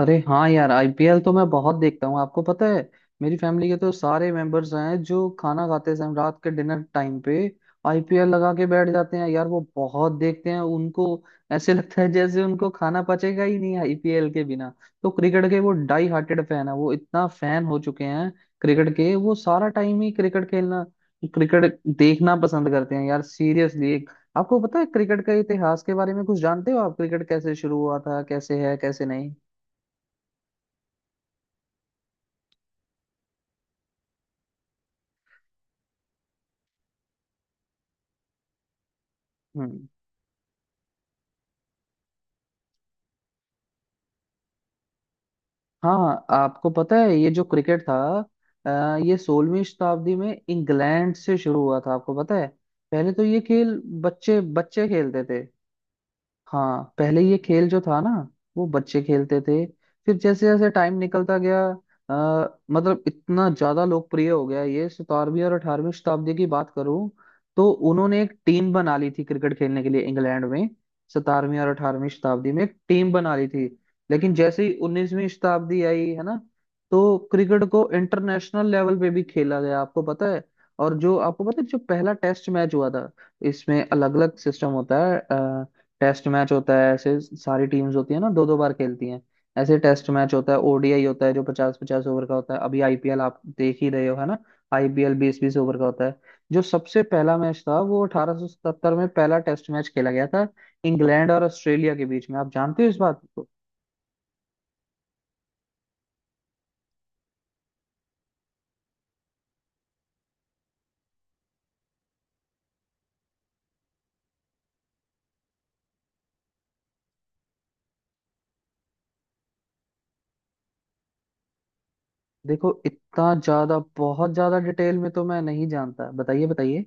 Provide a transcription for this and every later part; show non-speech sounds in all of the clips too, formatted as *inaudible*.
अरे हाँ यार, आईपीएल तो मैं बहुत देखता हूँ। आपको पता है, मेरी फैमिली के तो सारे मेंबर्स हैं जो खाना खाते समय, रात के डिनर टाइम पे आईपीएल लगा के बैठ जाते हैं। यार वो बहुत देखते हैं, उनको ऐसे *laughs* लगता है जैसे उनको खाना पचेगा ही नहीं आईपीएल के बिना। तो क्रिकेट के वो डाई हार्टेड फैन है, वो इतना फैन हो चुके हैं क्रिकेट के। वो सारा टाइम ही क्रिकेट खेलना, क्रिकेट देखना पसंद करते हैं यार, सीरियसली। आपको पता है, क्रिकेट का इतिहास के बारे में कुछ जानते हो आप? क्रिकेट कैसे शुरू हुआ था, कैसे है कैसे नहीं? हम्म। हाँ, आपको पता है ये जो क्रिकेट था, ये 16वीं शताब्दी में इंग्लैंड से शुरू हुआ था। आपको पता है, पहले तो ये खेल बच्चे बच्चे खेलते थे। हाँ, पहले ये खेल जो था ना, वो बच्चे खेलते थे। फिर जैसे जैसे टाइम निकलता गया, मतलब इतना ज्यादा लोकप्रिय हो गया। ये 17वीं और 18वीं शताब्दी की बात करूं, तो उन्होंने एक टीम बना ली थी क्रिकेट खेलने के लिए इंग्लैंड में। 17वीं और 18वीं शताब्दी में एक टीम बना ली थी। लेकिन जैसे ही 19वीं शताब्दी आई है ना, तो क्रिकेट को इंटरनेशनल लेवल पे भी खेला गया। आपको पता है, और जो आपको पता है, जो पहला टेस्ट मैच हुआ था, इसमें अलग अलग सिस्टम होता है। टेस्ट मैच होता है, ऐसे सारी टीम्स होती है ना, दो दो बार खेलती हैं। ऐसे टेस्ट मैच होता है। ओडीआई होता है, जो 50-50 ओवर का होता है। अभी आईपीएल आप देख ही रहे हो है ना, आईपीएल 20-20 ओवर का होता है। जो सबसे पहला मैच था, वो 1877 में पहला टेस्ट मैच खेला गया था इंग्लैंड और ऑस्ट्रेलिया के बीच में। आप जानते हो इस बात को? देखो, इतना ज्यादा बहुत ज्यादा डिटेल में तो मैं नहीं जानता, बताइए बताइए।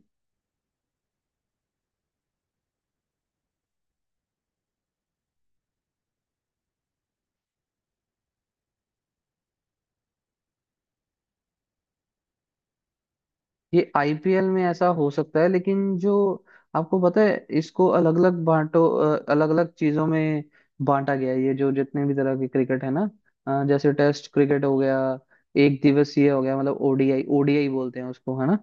ये आईपीएल में ऐसा हो सकता है, लेकिन जो आपको पता है, इसको अलग अलग बांटो, अलग अलग चीजों में बांटा गया है ये। जो जितने भी तरह की क्रिकेट है ना, जैसे टेस्ट क्रिकेट हो गया, एक दिवसीय हो गया मतलब ओडीआई, ओडीआई बोलते हैं उसको है ना,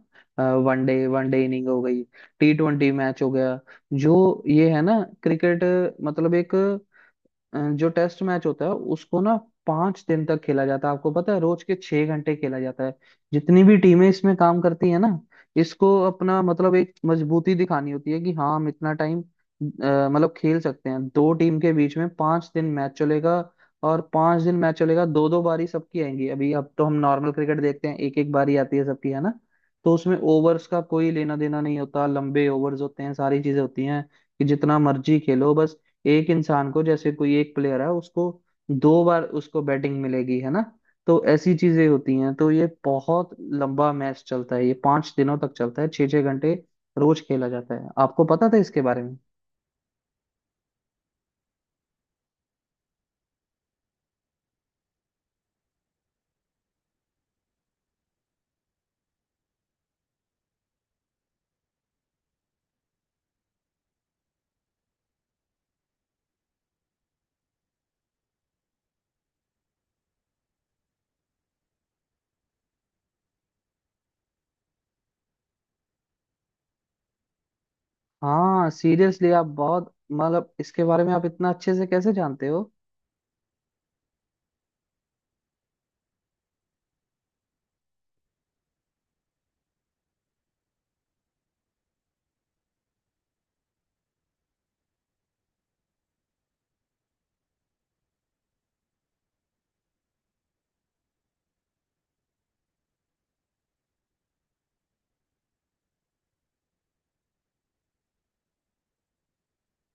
वनडे। वनडे इनिंग हो गई, टी ट्वेंटी मैच हो गया। जो ये है ना क्रिकेट, मतलब एक, जो टेस्ट मैच होता है, उसको ना पांच दिन तक खेला जाता है। आपको पता है, रोज के 6 घंटे खेला जाता है। जितनी भी टीमें इसमें काम करती है ना, इसको अपना मतलब एक मजबूती दिखानी होती है कि हाँ, हम इतना टाइम मतलब खेल सकते हैं। दो टीम के बीच में 5 दिन मैच चलेगा, और 5 दिन मैच चलेगा, दो दो बारी सबकी आएंगी। अभी अब तो हम नॉर्मल क्रिकेट देखते हैं, एक एक बारी आती है सबकी है ना। तो उसमें ओवर्स का कोई लेना देना नहीं होता, लंबे ओवर्स होते हैं, सारी चीजें होती हैं कि जितना मर्जी खेलो बस। एक इंसान को, जैसे कोई एक प्लेयर है, उसको दो बार उसको बैटिंग मिलेगी है ना। तो ऐसी चीजें होती हैं, तो ये बहुत लंबा मैच चलता है, ये 5 दिनों तक चलता है, 6-6 घंटे रोज खेला जाता है। आपको पता था इसके बारे में? हाँ, सीरियसली, आप बहुत मतलब इसके बारे में आप इतना अच्छे से कैसे जानते हो?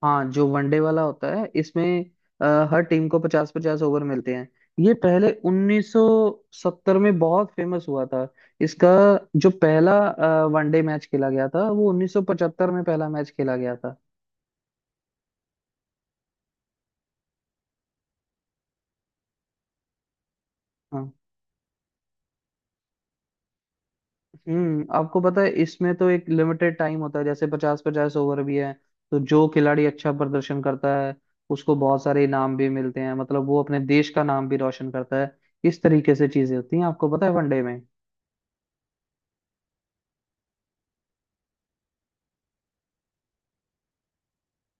हाँ, जो वनडे वाला होता है, इसमें हर टीम को 50-50 ओवर मिलते हैं। ये पहले 1970 में बहुत फेमस हुआ था इसका। जो पहला वनडे मैच खेला गया था, वो 1975 में पहला मैच खेला गया था। हाँ। आपको पता है, इसमें तो एक लिमिटेड टाइम होता है, जैसे 50-50 ओवर भी है। तो जो खिलाड़ी अच्छा प्रदर्शन करता है, उसको बहुत सारे इनाम भी मिलते हैं, मतलब वो अपने देश का नाम भी रोशन करता है। इस तरीके से चीजें होती हैं, आपको पता है वनडे में।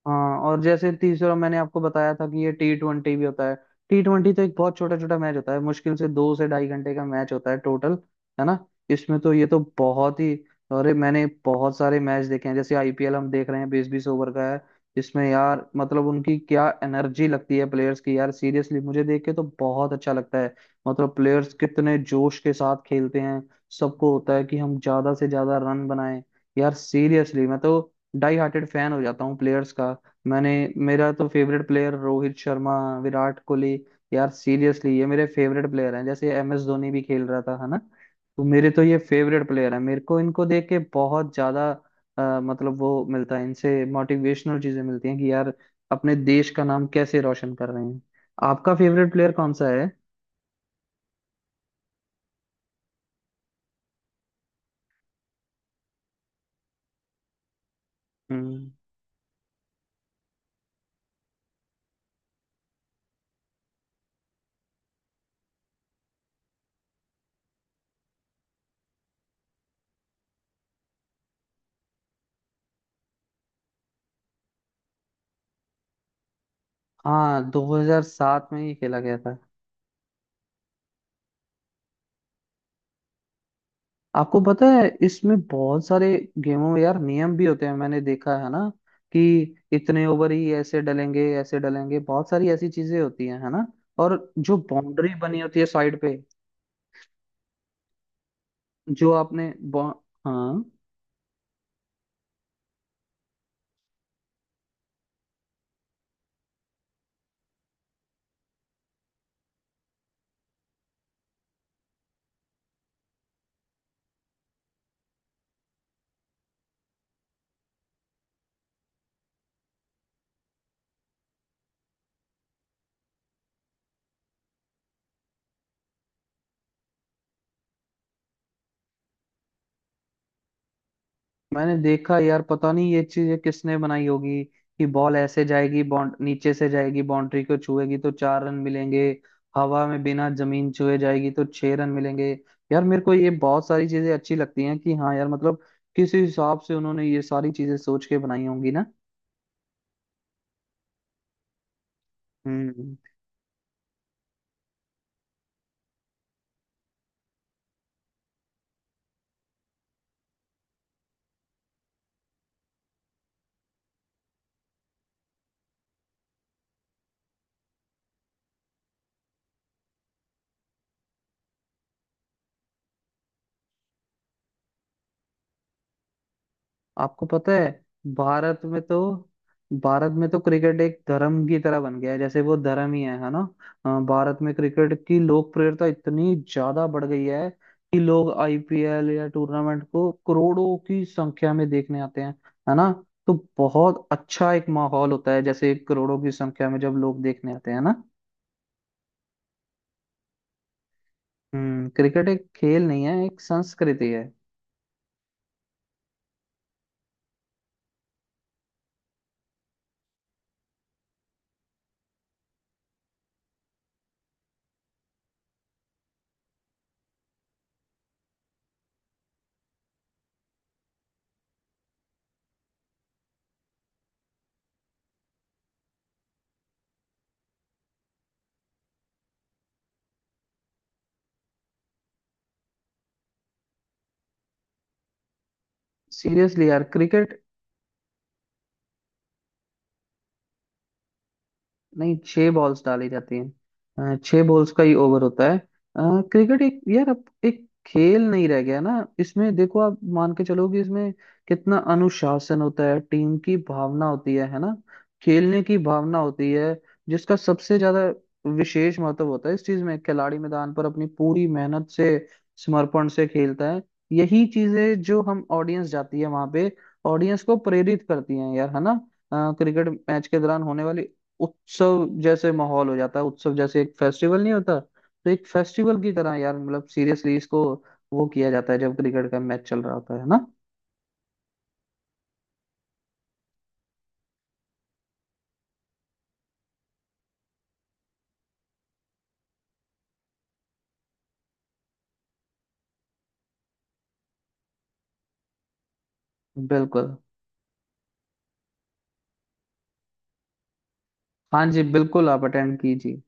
हाँ, और जैसे तीसरा मैंने आपको बताया था कि ये टी ट्वेंटी भी होता है। टी ट्वेंटी तो एक बहुत छोटा छोटा मैच होता है, मुश्किल से 2 से 2.5 घंटे का मैच होता है टोटल। है ना, इसमें तो ये तो बहुत ही, अरे मैंने बहुत सारे मैच देखे हैं। जैसे आईपीएल हम देख रहे हैं, 20-20 ओवर का है। इसमें यार मतलब उनकी क्या एनर्जी लगती है प्लेयर्स की, यार सीरियसली मुझे देख के तो बहुत अच्छा लगता है, मतलब प्लेयर्स कितने जोश के साथ खेलते हैं। सबको होता है कि हम ज्यादा से ज्यादा रन बनाएं। यार सीरियसली, मैं तो डाई हार्टेड फैन हो जाता हूँ प्लेयर्स का। मैंने मेरा तो फेवरेट प्लेयर रोहित शर्मा, विराट कोहली। यार सीरियसली ये मेरे फेवरेट प्लेयर हैं। जैसे एम एस धोनी भी खेल रहा था है ना, तो मेरे तो ये फेवरेट प्लेयर हैं। मेरे को इनको देख के बहुत ज्यादा, मतलब वो मिलता है, इनसे मोटिवेशनल चीजें मिलती हैं कि यार अपने देश का नाम कैसे रोशन कर रहे हैं। आपका फेवरेट प्लेयर कौन सा है? हम्म। हाँ, 2007 में ही खेला गया था। आपको पता है, इसमें बहुत सारे गेमों में यार नियम भी होते हैं, मैंने देखा है ना, कि इतने ओवर ही ऐसे डलेंगे ऐसे डलेंगे, बहुत सारी ऐसी चीजें होती हैं है ना। और जो बाउंड्री बनी होती है साइड पे, जो आपने बौ- हाँ, मैंने देखा यार, पता नहीं ये चीज किसने बनाई होगी कि बॉल ऐसे जाएगी, बाउंड नीचे से जाएगी, बाउंड्री को छुएगी तो 4 रन मिलेंगे, हवा में बिना जमीन छुए जाएगी तो 6 रन मिलेंगे। यार मेरे को ये बहुत सारी चीजें अच्छी लगती हैं कि हाँ यार मतलब किसी हिसाब से उन्होंने ये सारी चीजें सोच के बनाई होंगी ना। हम्म आपको पता है, भारत में तो, भारत में तो क्रिकेट एक धर्म की तरह बन गया है, जैसे वो धर्म ही है ना। भारत में क्रिकेट की लोकप्रियता इतनी ज्यादा बढ़ गई है कि लोग आईपीएल या टूर्नामेंट को करोड़ों की संख्या में देखने आते हैं, है ना। तो बहुत अच्छा एक माहौल होता है जैसे करोड़ों की संख्या में जब लोग देखने आते हैं ना। क्रिकेट एक खेल नहीं है, एक संस्कृति है। सीरियसली यार, क्रिकेट। नहीं, 6 बॉल्स डाली जाती हैं, 6 बॉल्स का ही ओवर होता है। क्रिकेट एक यार अब एक खेल नहीं रह गया ना। इसमें देखो, आप मान के चलो कि इसमें कितना अनुशासन होता है, टीम की भावना होती है ना, खेलने की भावना होती है। जिसका सबसे ज्यादा विशेष महत्व होता है इस चीज में, खिलाड़ी मैदान पर अपनी पूरी मेहनत से, समर्पण से खेलता है। यही चीजें जो हम ऑडियंस जाती है वहां पे, ऑडियंस को प्रेरित करती हैं यार है ना। क्रिकेट मैच के दौरान होने वाली उत्सव जैसे माहौल हो जाता है। उत्सव जैसे एक फेस्टिवल नहीं होता, तो एक फेस्टिवल की तरह यार मतलब सीरियसली इसको वो किया जाता है जब क्रिकेट का मैच चल रहा होता है ना। बिल्कुल। हाँ जी बिल्कुल, आप अटेंड कीजिए।